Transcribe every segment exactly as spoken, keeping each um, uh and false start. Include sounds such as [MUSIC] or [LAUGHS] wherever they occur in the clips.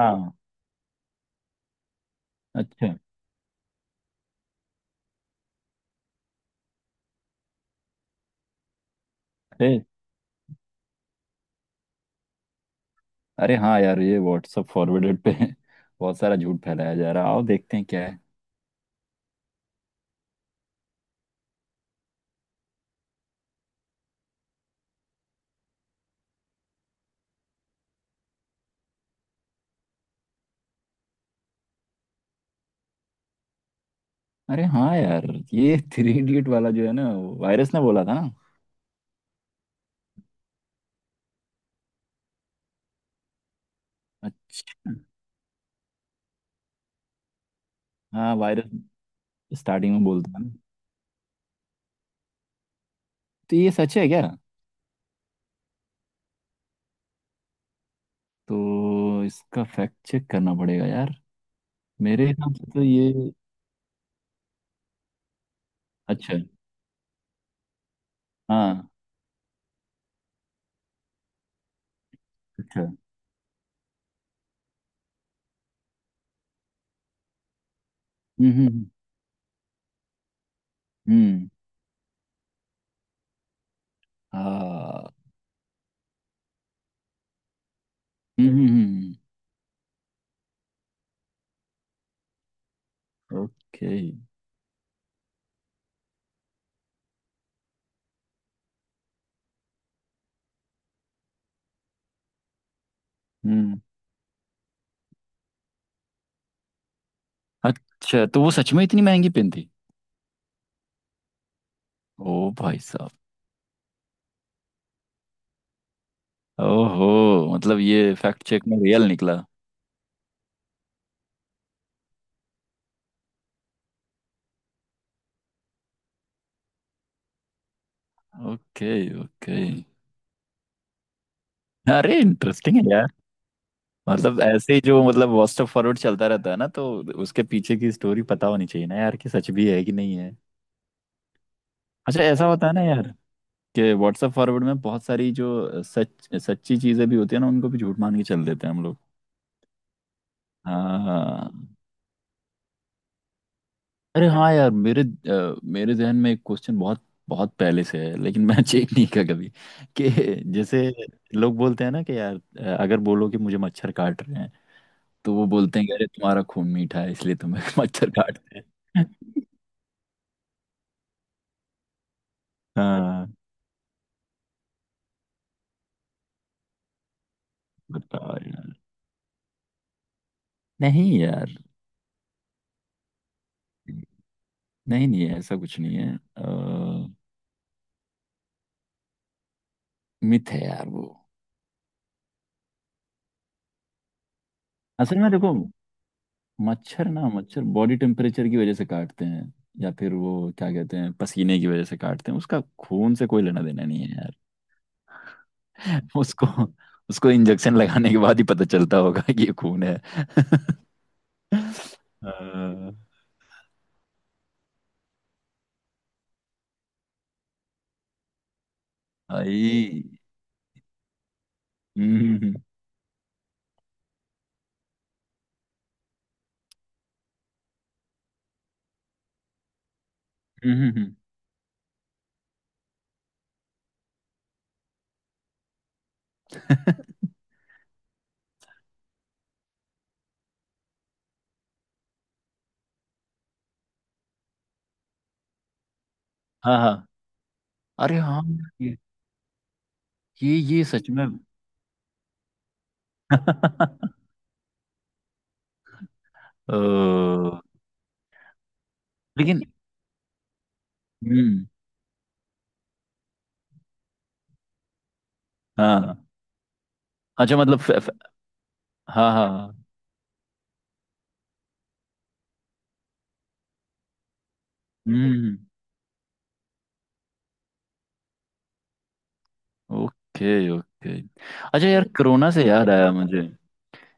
हाँ। अच्छा। फिर। अरे हाँ यार, ये व्हाट्सअप फॉरवर्डेड पे [LAUGHS] बहुत सारा झूठ फैलाया जा रहा है। आओ देखते हैं क्या है। अरे हाँ यार, ये थ्री इडियट वाला जो है ना, वायरस ने बोला था ना। अच्छा। हाँ, वायरस। स्टार्टिंग में बोलता था ना। तो ये सच है क्या? तो इसका फैक्ट चेक करना पड़ेगा यार। मेरे हिसाब से तो ये अच्छा है। हाँ। अच्छा। हम्म, हम्म, हम्म, हम्म। हाँ। हम्म, हम्म। ओके, हम्म okay। हम्म। अच्छा, तो वो सच में इतनी महंगी पेन थी? ओ भाई साहब। ओहो, मतलब ये फैक्ट चेक में रियल निकला। ओके। ओके। अरे इंटरेस्टिंग है यार। मतलब ऐसे ही जो, मतलब, व्हाट्सएप फॉरवर्ड चलता रहता है ना, तो उसके पीछे की स्टोरी पता होनी चाहिए ना यार, कि सच भी है कि नहीं है। अच्छा, ऐसा होता है ना यार, कि व्हाट्सएप फॉरवर्ड में बहुत सारी जो सच सच्ची चीजें भी होती है ना, उनको भी झूठ मान के चल देते हैं हम लोग। हाँ, हाँ। अरे हाँ यार, मेरे अ, मेरे जहन में एक क्वेश्चन बहुत बहुत पहले से है, लेकिन मैं [LAUGHS] चेक नहीं किया कभी, कि जैसे लोग बोलते हैं ना कि यार, अ, अगर बोलो कि मुझे मच्छर काट रहे हैं, तो वो बोलते हैं कि अरे तुम्हारा खून मीठा है, इसलिए तुम्हें [LAUGHS] मच्छर काटते हैं। हाँ। बताओ यार। नहीं यार, नहीं, नहीं, ऐसा कुछ नहीं है। मिथ है यार वो। असल में देखो, मच्छर ना मच्छर बॉडी टेम्परेचर की वजह से काटते हैं, या फिर वो क्या कहते हैं, पसीने की वजह से काटते हैं। उसका खून से कोई लेना देना नहीं है यार। [LAUGHS] उसको उसको इंजेक्शन लगाने के बाद ही पता चलता होगा कि ये खून है। अ, आई। हम्म, हम्म, हम्म, हम्म, हम्म। [LAUGHS] हाँ, हाँ। अरे हाँ, ये ये ये सच में [LAUGHS] ओ। लेकिन। हम्म। हाँ, हाँ। अच्छा, मतलब, फ, फ, हाँ, हाँ, हाँ। हम्म, हम्म, हम्म। ओके। ओके। अच्छा यार, कोरोना से याद आया मुझे।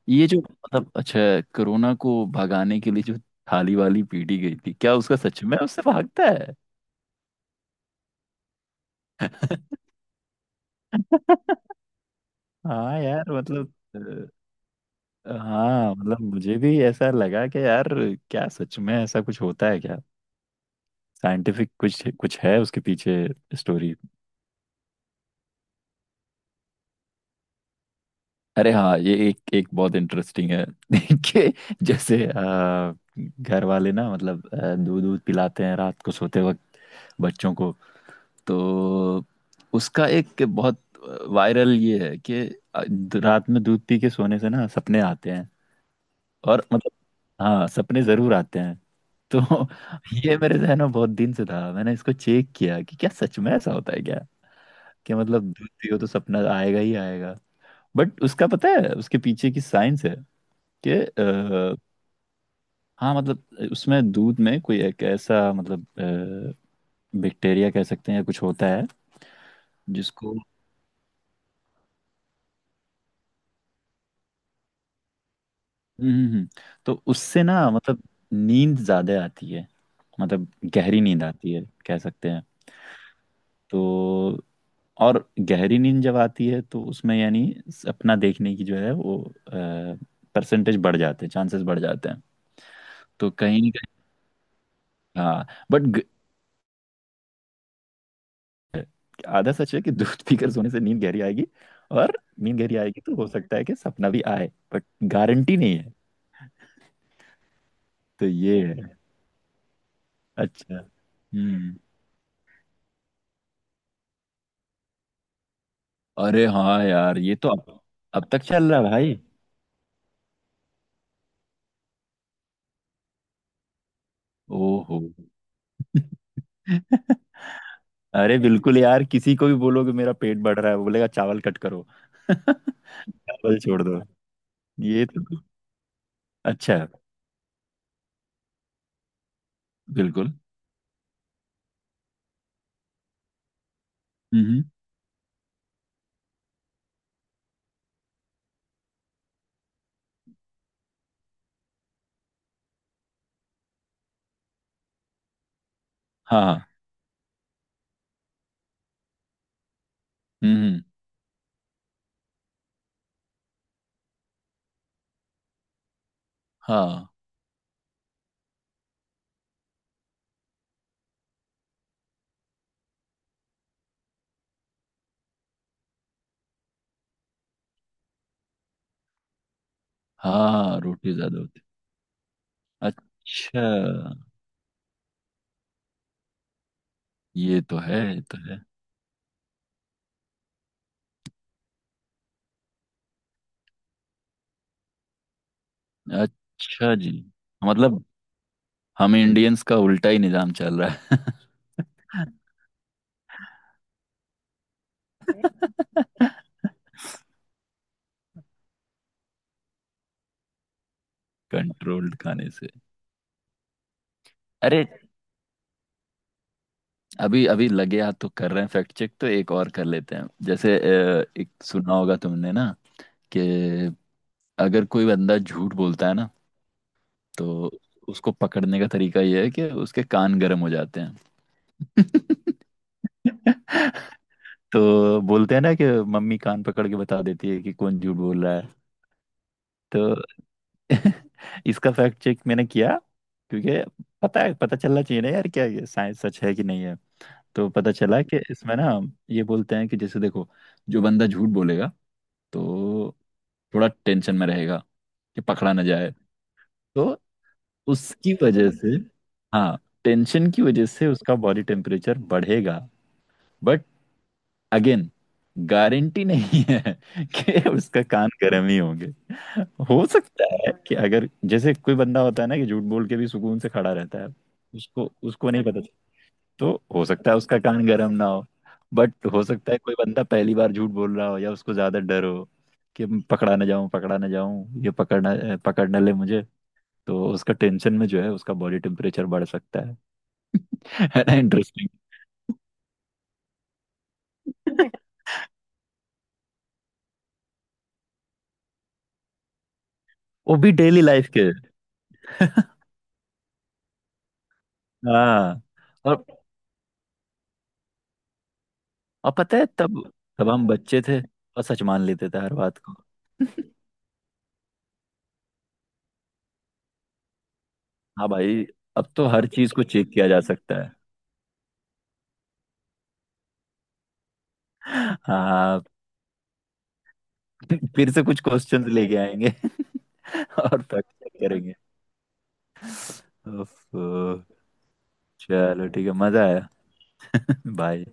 ये जो, मतलब, अच्छा, कोरोना को भगाने के लिए जो थाली वाली पीटी गई थी, क्या उसका सच में उससे भागता है? [LAUGHS] हाँ यार, मतलब अ, हाँ, मतलब, मुझे भी ऐसा लगा कि यार, क्या सच में ऐसा कुछ होता है क्या? साइंटिफिक कुछ कुछ है उसके पीछे स्टोरी। अरे हाँ, ये एक एक बहुत इंटरेस्टिंग है। [LAUGHS] कि जैसे अ, घर वाले ना, मतलब, अ, दूध दूध पिलाते हैं रात को सोते वक्त बच्चों को। तो उसका एक बहुत वायरल ये है कि अ, रात में दूध पी के सोने से ना सपने आते हैं, और मतलब, हाँ, सपने जरूर आते हैं। तो [LAUGHS] ये मेरे जहन में बहुत दिन से था, मैंने इसको चेक किया कि क्या सच में ऐसा होता है क्या, कि मतलब दूध पियो तो सपना आएगा ही आएगा। बट उसका पता है, उसके पीछे की साइंस है कि अ, हाँ, मतलब उसमें, दूध में कोई एक ऐसा, मतलब, बैक्टीरिया कह सकते हैं, या कुछ होता है जिसको हम्म, हम्म, हम्म। तो उससे ना, मतलब नींद ज़्यादा आती है, मतलब गहरी नींद आती है, कह सकते हैं। तो, और गहरी नींद जब आती है तो उसमें यानी अपना देखने की जो है वो परसेंटेज बढ़ जाते हैं, चांसेस बढ़ जाते हैं। तो कहीं ना कहीं, हाँ, बट आधा सच है कि दूध पीकर सोने से नींद गहरी आएगी, और नींद गहरी आएगी तो हो सकता है कि सपना भी आए, बट गारंटी नहीं है। तो ये है। अच्छा। हम्म। अरे हाँ यार, ये तो अब अब तक चल रहा है भाई। ओहो। [LAUGHS] अरे बिल्कुल यार, किसी को भी बोलोगे मेरा पेट बढ़ रहा है, वो बोलेगा चावल कट करो। [LAUGHS] चावल छोड़ दो। ये तो तो अच्छा है। बिल्कुल। हम्म। हाँ, हाँ। हम्म। हाँ, हाँ। रोटी ज्यादा होती। अच्छा। ये तो है। ये तो है। अच्छा जी, मतलब हम इंडियंस का उल्टा ही निजाम चल रहा है। [LAUGHS] कंट्रोल्ड खाने से। अरे, अभी अभी लगे हाथ तो कर रहे हैं फैक्ट चेक, तो एक और कर लेते हैं। जैसे अ, एक सुना होगा तुमने ना, कि अगर कोई बंदा झूठ बोलता है ना, तो उसको पकड़ने का तरीका यह है कि उसके कान गर्म हो जाते हैं। [LAUGHS] तो बोलते हैं ना कि मम्मी कान पकड़ के बता देती है कि कौन झूठ बोल रहा है। तो [LAUGHS] इसका फैक्ट चेक मैंने किया, क्योंकि पता है, पता चलना चाहिए ना यार, क्या ये साइंस सच है कि नहीं है। तो पता चला कि इसमें ना, ये बोलते हैं कि जैसे देखो, जो बंदा झूठ बोलेगा तो थोड़ा टेंशन में रहेगा कि पकड़ा ना जाए। तो उसकी वजह से, हाँ, टेंशन की वजह से उसका बॉडी टेम्परेचर बढ़ेगा। बट अगेन, गारंटी नहीं है [LAUGHS] कि उसका कान गर्म ही होंगे। हो सकता है कि अगर जैसे कोई बंदा होता है ना कि झूठ बोल के भी सुकून से खड़ा रहता है, उसको उसको नहीं पता चलता। तो हो सकता है उसका कान गर्म ना हो। बट हो सकता है कोई बंदा पहली बार झूठ बोल रहा हो, या उसको ज्यादा डर हो कि मैं पकड़ा ना जाऊं, पकड़ा ना जाऊं, ये पकड़ना अ, पकड़ ना ले मुझे। तो उसका टेंशन में जो है, उसका बॉडी टेम्परेचर बढ़ सकता है। [LAUGHS] है ना इंटरेस्टिंग? [LAUGHS] वो भी डेली लाइफ के। [LAUGHS] हाँ। और और पता है, तब तब हम बच्चे थे, और सच मान लेते थे हर बात को। हाँ भाई, अब तो हर चीज को चेक किया जा सकता है। हाँ, फिर से कुछ क्वेश्चंस लेके आएंगे [LAUGHS] और फैक्ट चेक करेंगे। उफ। चलो, ठीक है, मजा आया। बाय।